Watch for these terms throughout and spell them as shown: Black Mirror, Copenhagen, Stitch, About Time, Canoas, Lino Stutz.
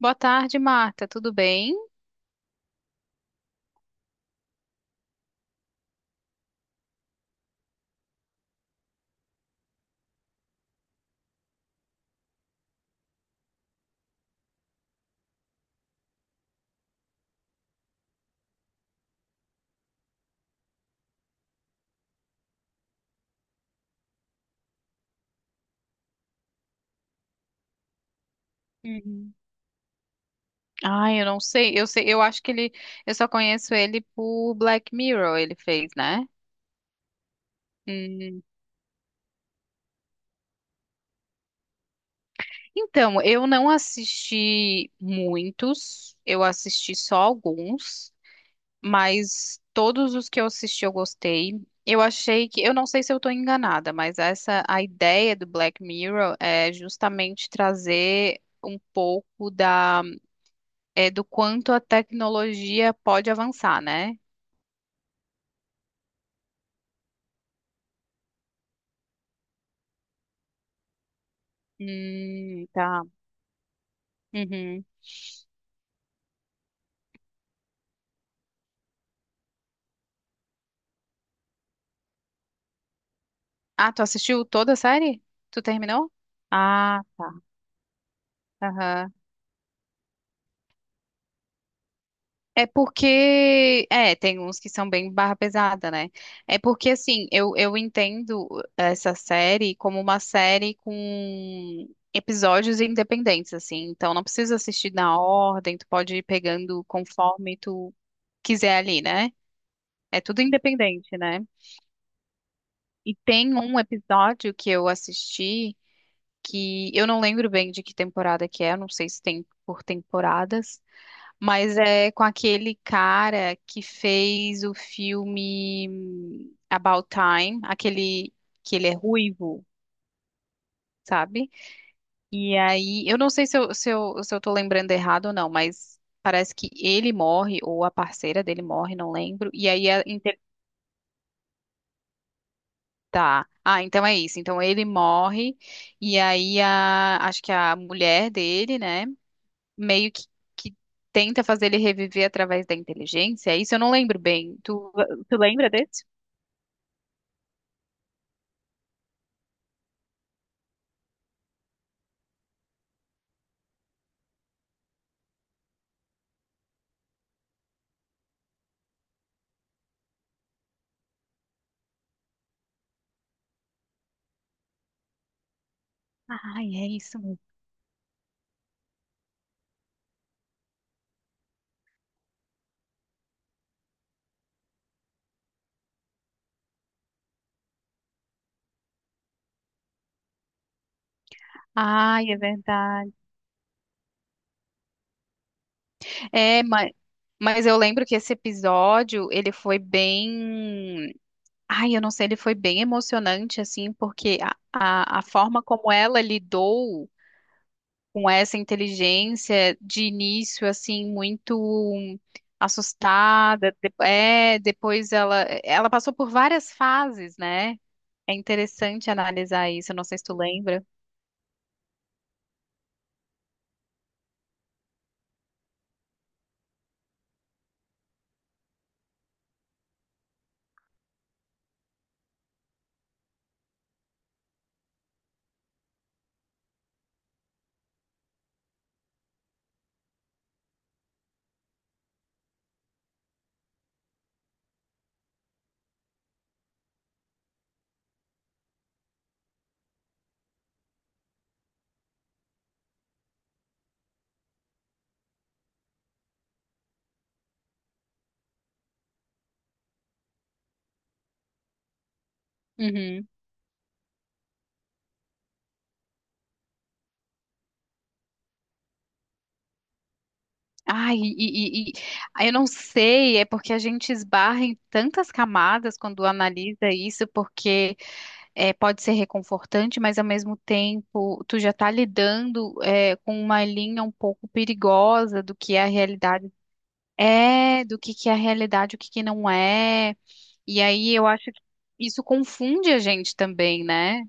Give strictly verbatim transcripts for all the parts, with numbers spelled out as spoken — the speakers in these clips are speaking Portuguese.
Boa tarde, Marta. Tudo bem? Uhum. Ai, eu não sei. Eu sei, eu acho que ele, eu só conheço ele por Black Mirror, ele fez, né? Hum. Então, eu não assisti muitos, eu assisti só alguns, mas todos os que eu assisti eu gostei. Eu achei que, eu não sei se eu estou enganada, mas essa a ideia do Black Mirror é justamente trazer um pouco da é, do quanto a tecnologia pode avançar, né? Hum, tá. Uhum. Ah, tu assistiu toda a série? Tu terminou? Ah, tá. Aham. É porque, é, tem uns que são bem barra pesada, né? É porque, assim, eu, eu entendo essa série como uma série com episódios independentes, assim. Então, não precisa assistir na ordem, tu pode ir pegando conforme tu quiser ali, né? É tudo independente, né? E tem um episódio que eu assisti que eu não lembro bem de que temporada que é, eu não sei se tem por temporadas, mas é com aquele cara que fez o filme hum, About Time, aquele que ele é ruivo, sabe? E aí, eu não sei se eu, se eu, se eu tô lembrando errado ou não, mas parece que ele morre, ou a parceira dele morre, não lembro, e aí a inter-. Tá. Ah, então é isso. Então ele morre, e aí a, acho que a mulher dele, né? Meio que, que tenta fazer ele reviver através da inteligência. É isso eu não lembro bem. Tu, tu lembra desse? Ai, é isso mesmo. Ai, é verdade. É, mas, mas eu lembro que esse episódio, ele foi bem. Ai, eu não sei, ele foi bem emocionante, assim, porque a, a, a forma como ela lidou com essa inteligência de início, assim, muito assustada. de- É, depois ela, ela passou por várias fases, né? É interessante analisar isso, eu não sei se tu lembra. Uhum. Ai, e, e- e- ah, eu não sei, é porque a gente esbarra em tantas camadas quando analisa isso, porque é, pode ser reconfortante, mas ao mesmo tempo tu já tá lidando é, com uma linha um pouco perigosa do que é a realidade é, do que que é a realidade, o que que não é. E aí eu acho que isso confunde a gente também, né?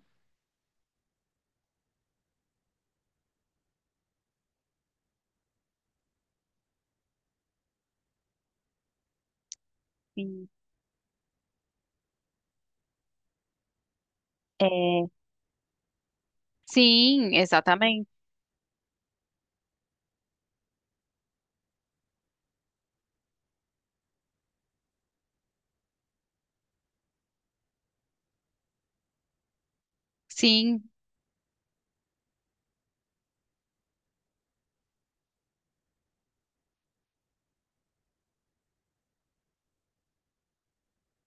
Sim. É. Sim, exatamente. Sim,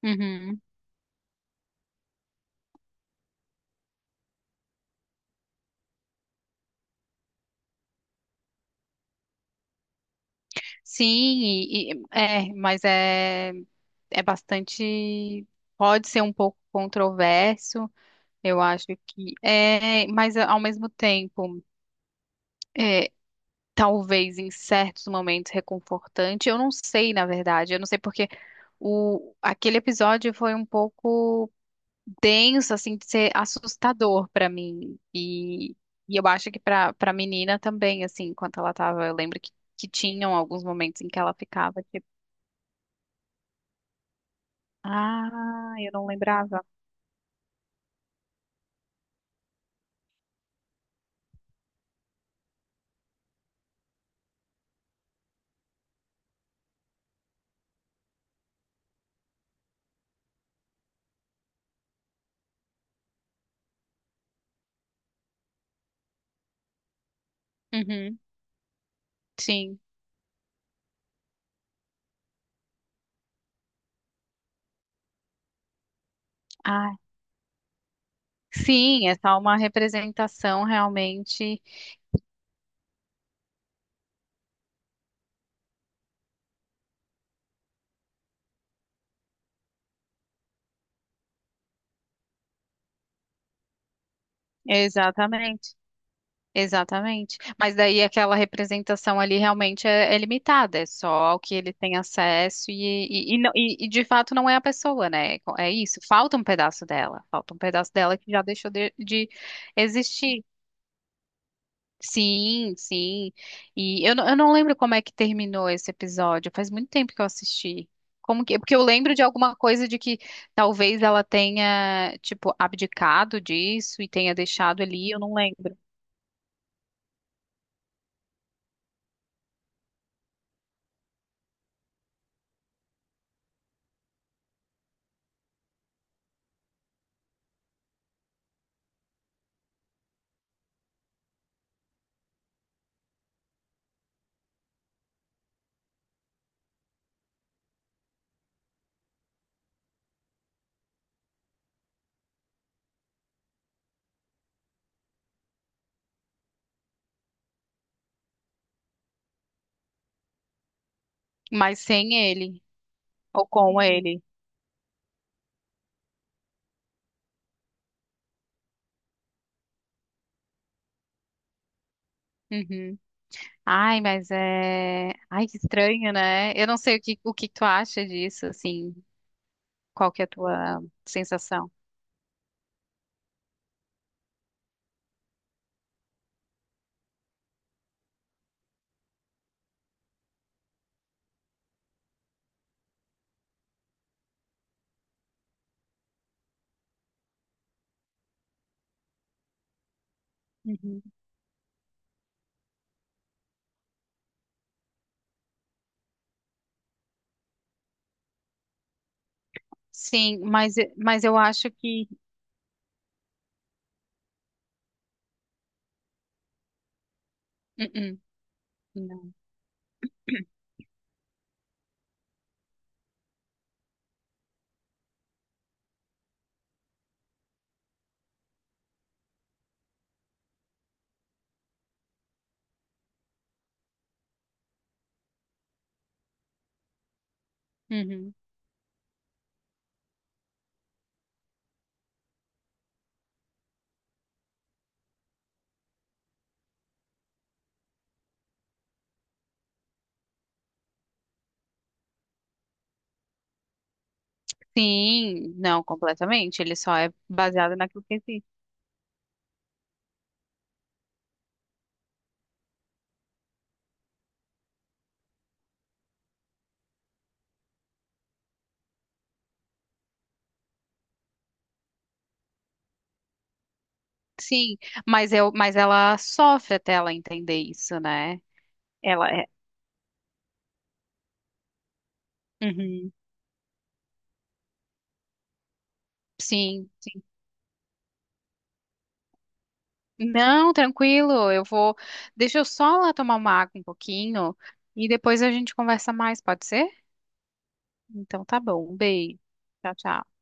uhum. Sim, e- e- é, mas é, é bastante, pode ser um pouco controverso, eu acho que é, mas ao mesmo tempo, é, talvez em certos momentos reconfortante, eu não sei, na verdade, eu não sei porque o, aquele episódio foi um pouco denso, assim, de ser assustador para mim, e, e eu acho que para para menina também, assim, enquanto ela tava, eu lembro que que tinham alguns momentos em que ela ficava, tipo,. Ah, eu não lembrava. Uhum, sim. Ah, sim, é só uma representação realmente. Exatamente, exatamente. Mas daí aquela representação ali realmente é, é limitada, é só o que ele tem acesso e, e, e, não- e- e de fato não é a pessoa, né? É isso, falta um pedaço dela, falta um pedaço dela que já deixou de de existir. Sim, sim. E eu, não- eu não lembro como é que terminou esse episódio. Faz muito tempo que eu assisti. Como que, porque eu lembro de alguma coisa de que talvez ela tenha, tipo, abdicado disso e tenha deixado ele, eu não lembro. Mas sem ele, ou com ele. Uhum. Ai, mas é. Ai, que estranho, né? Eu não sei o que, o que tu acha disso, assim. Qual que é a tua sensação? Uhum. Sim, mas, mas eu acho que. Uh-uh. Não. Uhum. Sim, não, completamente. Ele só é baseado naquilo que existe. Sim, mas eu, mas ela sofre até ela entender isso, né? Ela é. Uhum. Sim, sim. Não, tranquilo, eu vou. Deixa eu só lá tomar uma água um pouquinho e depois a gente conversa mais, pode ser? Então tá bom. Um beijo. Tchau, tchau.